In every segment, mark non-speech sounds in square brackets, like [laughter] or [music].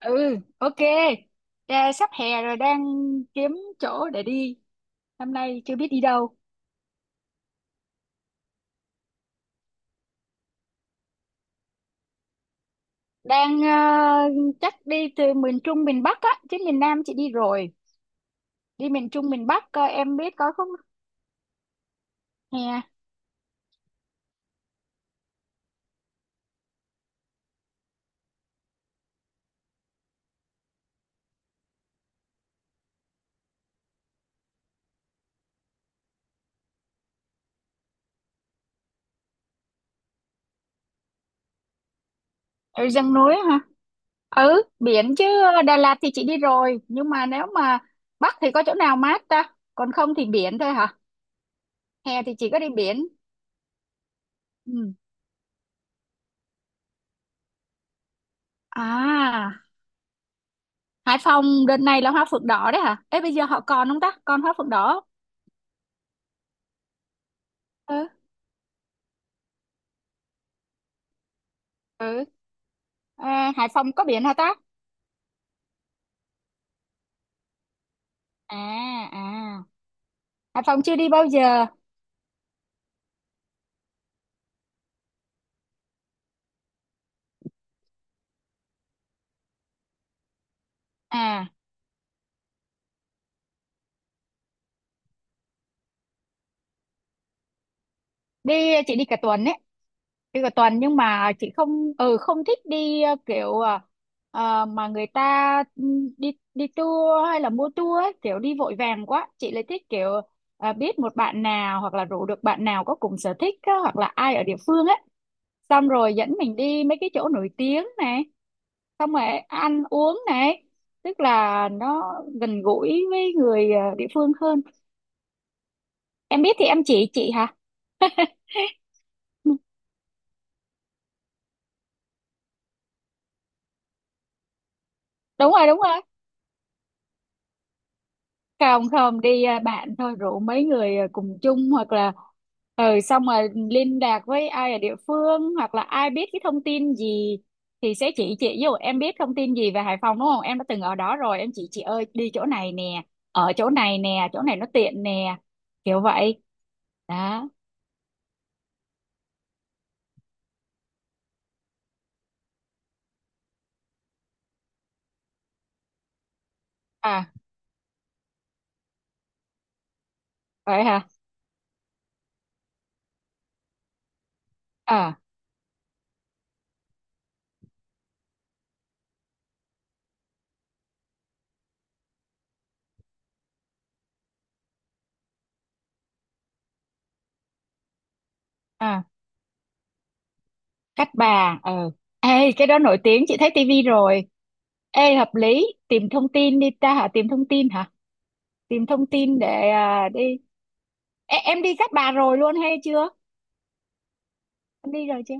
Ừ, ok. Ra sắp hè rồi, đang kiếm chỗ để đi, năm nay chưa biết đi đâu. Đang chắc đi từ miền Trung miền Bắc á, chứ miền Nam chị đi rồi. Đi miền Trung miền Bắc coi em biết có không. Hè. Ở rừng núi hả? Ừ, biển chứ. Đà Lạt thì chị đi rồi, nhưng mà nếu mà Bắc thì có chỗ nào mát ta, còn không thì biển thôi hả? Hè thì chỉ có đi biển. Ừ. À. Hải Phòng đợt này là hoa phượng đỏ đấy hả? Ê, bây giờ họ còn không ta, còn hoa phượng đỏ không? Ừ. Ừ. À, Hải Phòng có biển hả ta? À. À. Hải Phòng chưa đi bao giờ. À, đi, chị đi cả tuần ấy, đi cả tuần, nhưng mà chị không, ừ không thích đi kiểu mà người ta ừ, đi đi tour hay là mua tour ấy, kiểu đi vội vàng quá. Chị lại thích kiểu biết một bạn nào, hoặc là rủ được bạn nào có cùng sở thích á, hoặc là ai ở địa phương ấy, xong rồi dẫn mình đi mấy cái chỗ nổi tiếng này, xong rồi ăn uống này, tức là nó gần gũi với người địa phương hơn. Em biết thì em chỉ chị hả. [laughs] Đúng rồi, đúng rồi. Còng không đi à, bạn thôi, rủ mấy người à, cùng chung hoặc là ừ, xong rồi liên lạc với ai ở địa phương, hoặc là ai biết cái thông tin gì thì sẽ chỉ chị. Ví dụ em biết thông tin gì về Hải Phòng đúng không, em đã từng ở đó rồi, em chỉ chị ơi đi chỗ này nè, ở chỗ này nè, chỗ này nó tiện nè, kiểu vậy đó. À vậy hả. Ờ. À, cắt Bà ờ. Ê, cái đó nổi tiếng, chị thấy tivi rồi. Ê hợp lý, tìm thông tin đi ta hả, tìm thông tin hả, tìm thông tin để à, đi. Ê, em đi Cát Bà rồi luôn hay chưa? Em đi rồi chưa?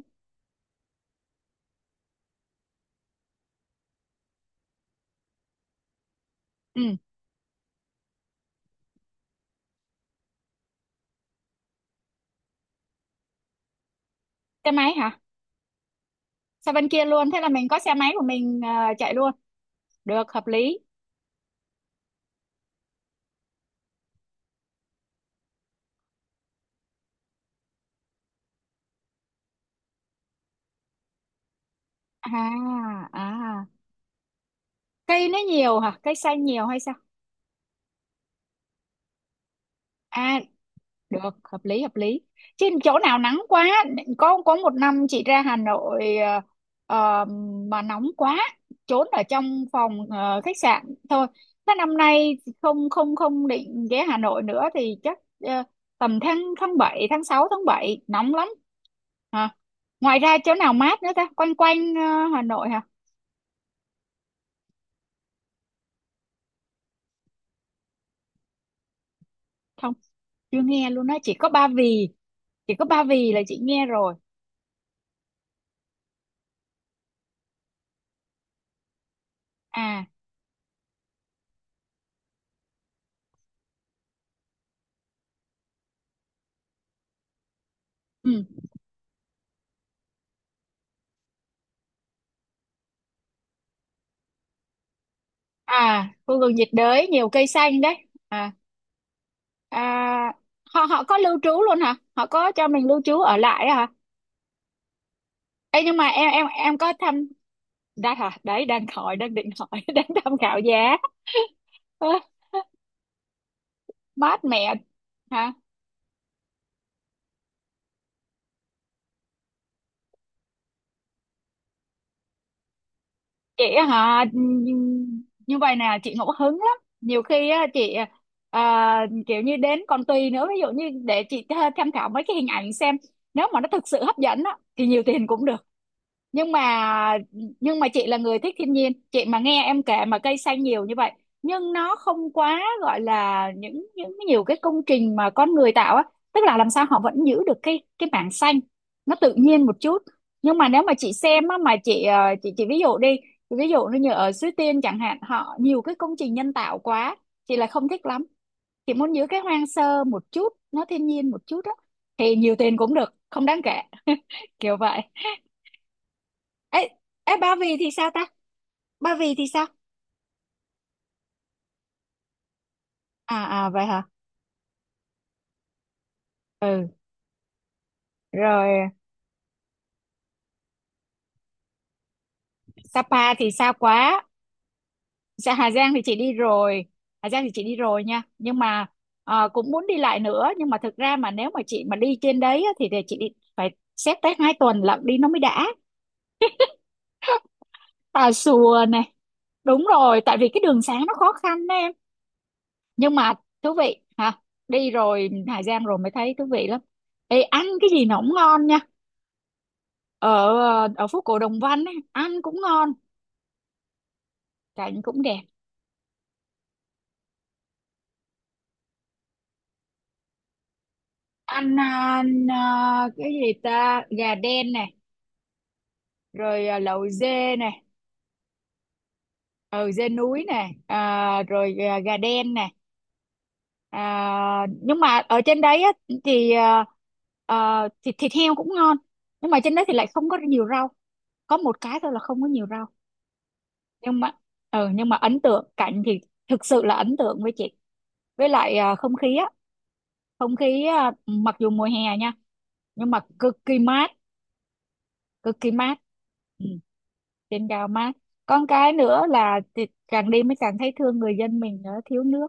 Ừ. Xe máy hả? Sao bên kia luôn, thế là mình có xe máy của mình à, chạy luôn được, hợp lý. À à. Cây nó nhiều hả, cây xanh nhiều hay sao? À được, hợp lý hợp lý. Chứ chỗ nào nắng quá. Có một năm chị ra Hà Nội ờ, mà nóng quá, trốn ở trong phòng khách sạn thôi. Thế năm nay không không không định ghé Hà Nội nữa thì chắc ờ, tầm tháng, tháng bảy, tháng 6 tháng 7 nóng lắm. Hả? Ngoài ra chỗ nào mát nữa ta, quanh quanh Hà Nội hả? Không, chưa nghe luôn á, chỉ có Ba Vì, chỉ có Ba Vì là chị nghe rồi. À. Ừ. À, khu vực nhiệt đới nhiều cây xanh đấy. À. À, họ họ có lưu trú luôn hả, họ có cho mình lưu trú ở lại á hả? Ê, nhưng mà em có thăm, đã hả, đấy đang hỏi, đang định hỏi [laughs] đang tham khảo giá. Ơ, mát mẹ. Hả? Chị á hả, như vậy nè, chị ngẫu hứng lắm, nhiều khi á chị à, kiểu như đến còn tùy nữa, ví dụ như để chị tha- tham khảo mấy cái hình ảnh xem, nếu mà nó thực sự hấp dẫn á thì nhiều tiền cũng được. Nhưng mà, nhưng mà chị là người thích thiên nhiên, chị mà nghe em kể mà cây xanh nhiều như vậy, nhưng nó không quá gọi là những nhiều cái công trình mà con người tạo á, tức là làm sao họ vẫn giữ được cái mảng xanh, nó tự nhiên một chút. Nhưng mà nếu mà chị xem á, mà chị chị ví dụ đi, chị ví dụ như ở Suối Tiên chẳng hạn, họ nhiều cái công trình nhân tạo quá, chị là không thích lắm. Chị muốn giữ cái hoang sơ một chút, nó thiên nhiên một chút á, thì nhiều tiền cũng được, không đáng kể. [laughs] Kiểu vậy. Ê, ê Ba Vì thì sao ta? Ba Vì thì sao? À à vậy hả? Ừ, rồi. Sapa thì xa quá. Sa- Hà Giang thì chị đi rồi. Hà Giang thì chị đi rồi nha. Nhưng mà cũng muốn đi lại nữa, nhưng mà thực ra mà nếu mà chị mà đi trên đấy á, thì để chị đi phải xét tới hai tuần lận đi nó mới đã. [laughs] Tà xùa này. Đúng rồi, tại vì cái đường xá nó khó khăn đó em. Nhưng mà thú vị hả? Đi rồi Hà Giang rồi mới thấy thú vị lắm. Ê, ăn cái gì nó cũng ngon nha. Ở, ở phố cổ Đồng Văn ấy, ăn cũng ngon, cảnh cũng đẹp. Ăn, à, à, cái gì ta, gà đen này, rồi à, lẩu dê này, ừ, dê núi này, à, rồi à, gà đen này, à, nhưng mà ở trên đấy á, thì à, à, thịt thịt heo cũng ngon, nhưng mà trên đấy thì lại không có nhiều rau, có một cái thôi là không có nhiều rau. Nhưng mà ừ, nhưng mà ấn tượng cảnh thì thực sự là ấn tượng với chị, với lại à, không khí á, không khí à, mặc dù mùa hè nha nhưng mà cực kỳ mát, cực kỳ mát. Ừ, trên cao mát. Con cái nữa là, thì càng đi mới càng thấy thương người dân mình, nữa thiếu nước.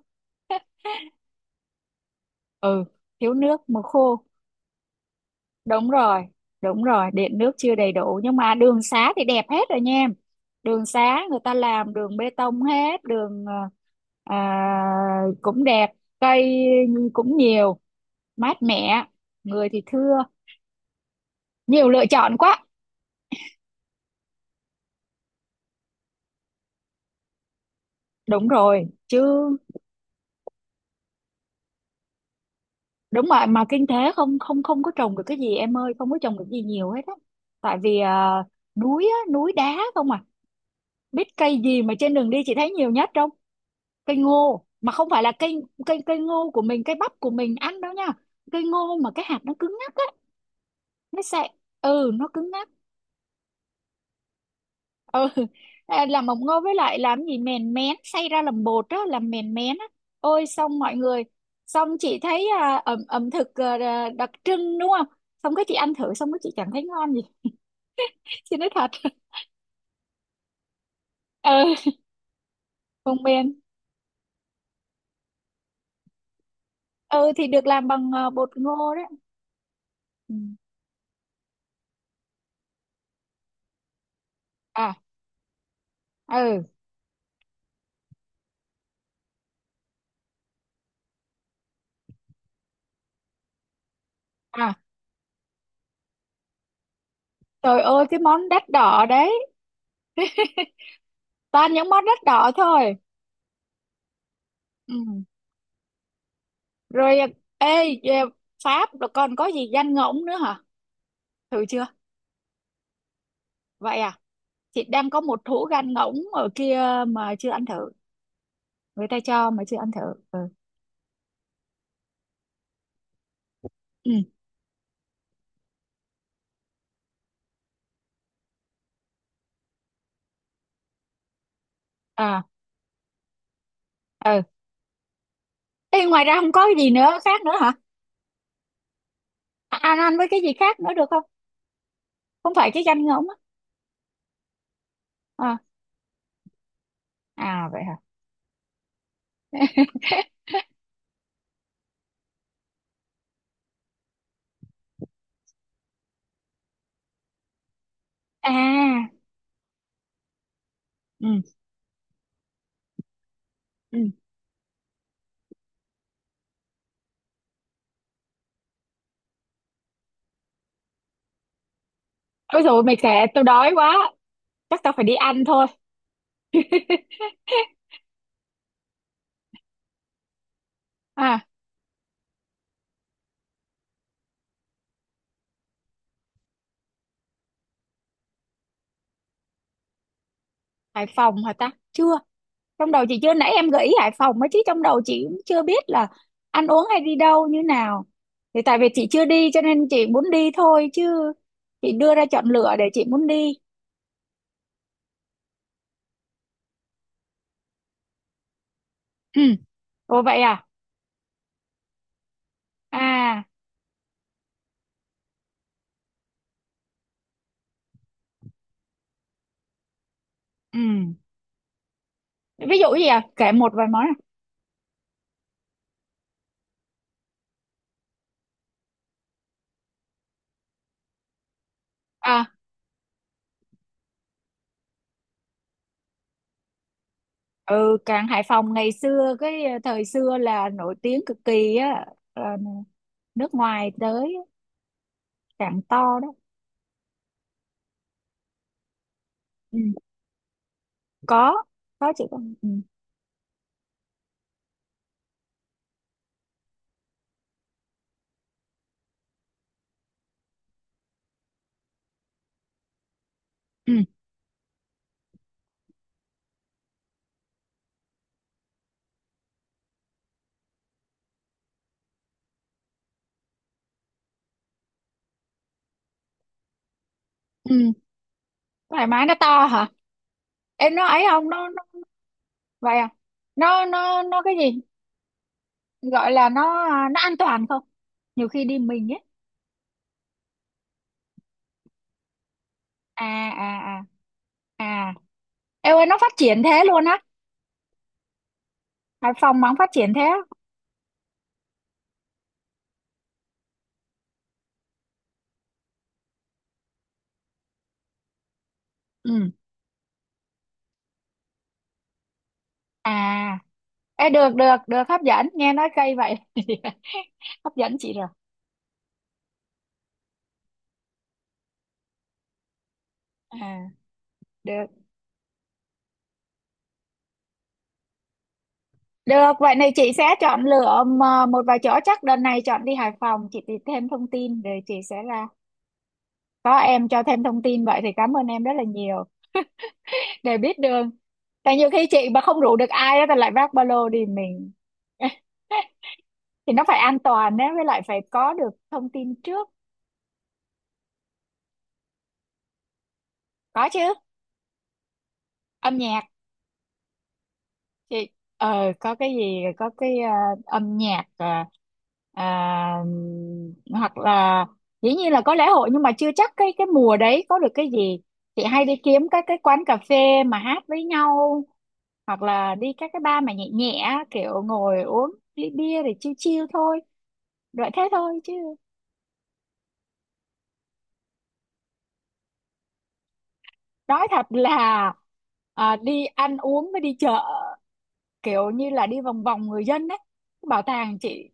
Ừ, thiếu nước mùa khô. Đúng rồi, đúng rồi, điện nước chưa đầy đủ, nhưng mà đường xá thì đẹp hết rồi nha em. Đường xá người ta làm đường bê tông hết đường à, à, cũng đẹp, cây cũng nhiều, mát mẻ, người thì thưa. Nhiều lựa chọn quá. Đúng rồi chứ. Đúng rồi, mà kinh tế không không không có trồng được cái gì em ơi, không có trồng được gì nhiều hết á, tại vì à, núi á, núi đá không à. Biết cây gì mà trên đường đi chị thấy nhiều nhất không? Cây ngô, mà không phải là cây cây cây ngô của mình, cây bắp của mình ăn đâu nha, cây ngô mà cái hạt nó cứng ngắc á. Nó sẽ ừ, nó cứng ngắc. [laughs] Ừ. À, làm mộc ngô với lại làm gì, mèn mén, xay ra làm bột á, làm mèn mén á. Ôi, xong mọi người, xong chị thấy à, ẩm ẩm thực à, đặc trưng đúng không, xong cái chị ăn thử xong cái chị chẳng thấy ngon gì. [laughs] Chị nói thật. [laughs] Ừ, vùng miền. Ừ, thì được làm bằng à, bột ngô đấy. Ừ. À. Ừ. À. Trời ơi, cái món đắt đỏ đấy, toàn những món đắt đỏ thôi. Ừ. Rồi à, ê, à, Pháp rồi còn có gì, danh ngỗng nữa hả? Thử chưa? Vậy à. Chị đang có một hũ gan ngỗng ở kia mà chưa ăn thử, người ta cho mà chưa ăn thử. Ừ. Ừ. À. Ừ. Ê, ngoài ra không có cái gì nữa khác nữa hả? À, ăn, ăn với cái gì khác nữa được không? Không phải cái gan ngỗng á. À. À vậy hả. [laughs] À. Ừ. Ừ. Ôi rồi mày kể tôi đói quá, chắc tao phải đi ăn thôi. [laughs] À, Hải Phòng hả ta, chưa, trong đầu chị chưa, nãy em gợi ý Hải Phòng ấy chứ trong đầu chị cũng chưa biết là ăn uống hay đi đâu như nào. Thì tại vì chị chưa đi cho nên chị muốn đi thôi, chứ chị đưa ra chọn lựa để chị muốn đi. Ừ. Ồ vậy à. À. Ừ. ví dụ gì à, kể một vài món à. À, ừ, cảng Hải Phòng ngày xưa cái thời xưa là nổi tiếng cực kỳ á, là nước ngoài tới á, cảng to đó. Ừ. có có chị có. Ừ. Ừ. Ừ. Thoải mái, nó to hả, em nói ấy không, nó vậy à, nó cái gì gọi là, nó à, nó an toàn không, nhiều khi đi mình ấy. À à à à. Em ơi, nó phát triển thế luôn á? Hải Phòng mà không phát triển thế á? Ừ. À. Ê, được được được, hấp dẫn nghe, nói cây vậy [laughs] hấp dẫn chị rồi. À được được, vậy này chị sẽ chọn lựa, mà một vài chỗ chắc đợt này chọn đi Hải Phòng, chị tìm thêm thông tin rồi chị sẽ là có em cho thêm thông tin vậy thì cảm ơn em rất là nhiều. Để biết đường, tại nhiều khi chị mà không rủ được ai á thì lại vác ba lô đi mình. [laughs] Thì nó phải an toàn á, với lại phải có được thông tin trước. Có chứ, âm nhạc. Chị có cái gì có cái âm nhạc ờ, à, hoặc là, dĩ nhiên là có lễ hội nhưng mà chưa chắc cái mùa đấy có được cái gì. Chị hay đi kiếm các cái quán cà phê mà hát với nhau, hoặc là đi các cái bar mà nhẹ nhẹ, kiểu ngồi uống ly bia để chill chill thôi. Loại thế thôi chứ. Nói thật là à, đi ăn uống với đi chợ, kiểu như là đi vòng vòng người dân đấy, cái bảo tàng chị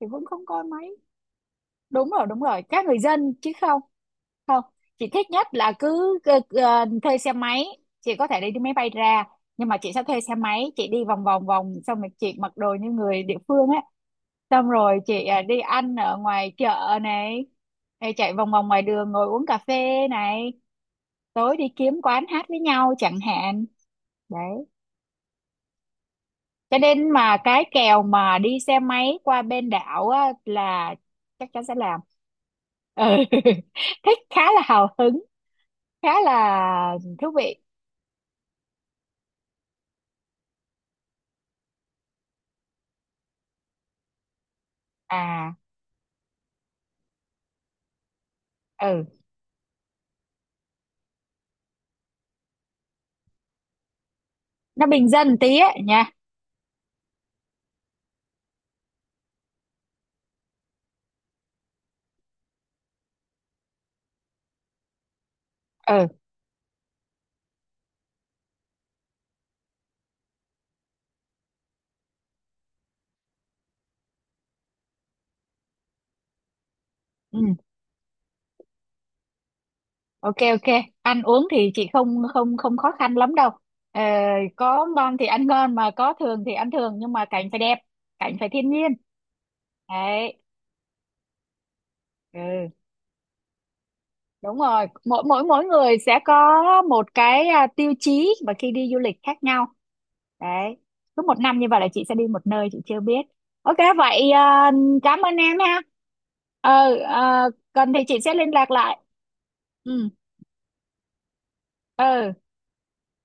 thì vẫn không coi mấy. Đúng rồi đúng rồi, các người dân chứ không, không. Chị thích nhất là cứ thuê xe máy, chị có thể đi đi máy bay ra, nhưng mà chị sẽ thuê xe máy, chị đi vòng vòng vòng, xong rồi chị mặc đồ như người địa phương á, xong rồi chị à, đi ăn ở ngoài chợ này, hay chạy vòng vòng ngoài đường ngồi uống cà phê này, tối đi kiếm quán hát với nhau chẳng hạn. Đấy, cho nên mà cái kèo mà đi xe máy qua bên đảo á, là chắc chắn sẽ làm. Ừ. [laughs] Thích, khá là hào hứng, khá là thú vị. À. Ừ. Nó bình dân tí á nha. Ừ. Ừ, ok ok, ăn uống thì chị không không không khó khăn lắm đâu. Ờ, có ngon thì ăn ngon, mà có thường thì ăn thường, nhưng mà cảnh phải đẹp, cảnh phải thiên nhiên. Đấy. Ừ. Đúng rồi, mỗi mỗi mỗi người sẽ có một cái à, tiêu chí và khi đi du lịch khác nhau. Đấy, cứ một năm như vậy là chị sẽ đi một nơi chị chưa biết. Ok, vậy à, cảm ơn em ha. Ừ, à, cần thì chị sẽ liên lạc lại. Ừ, ừ.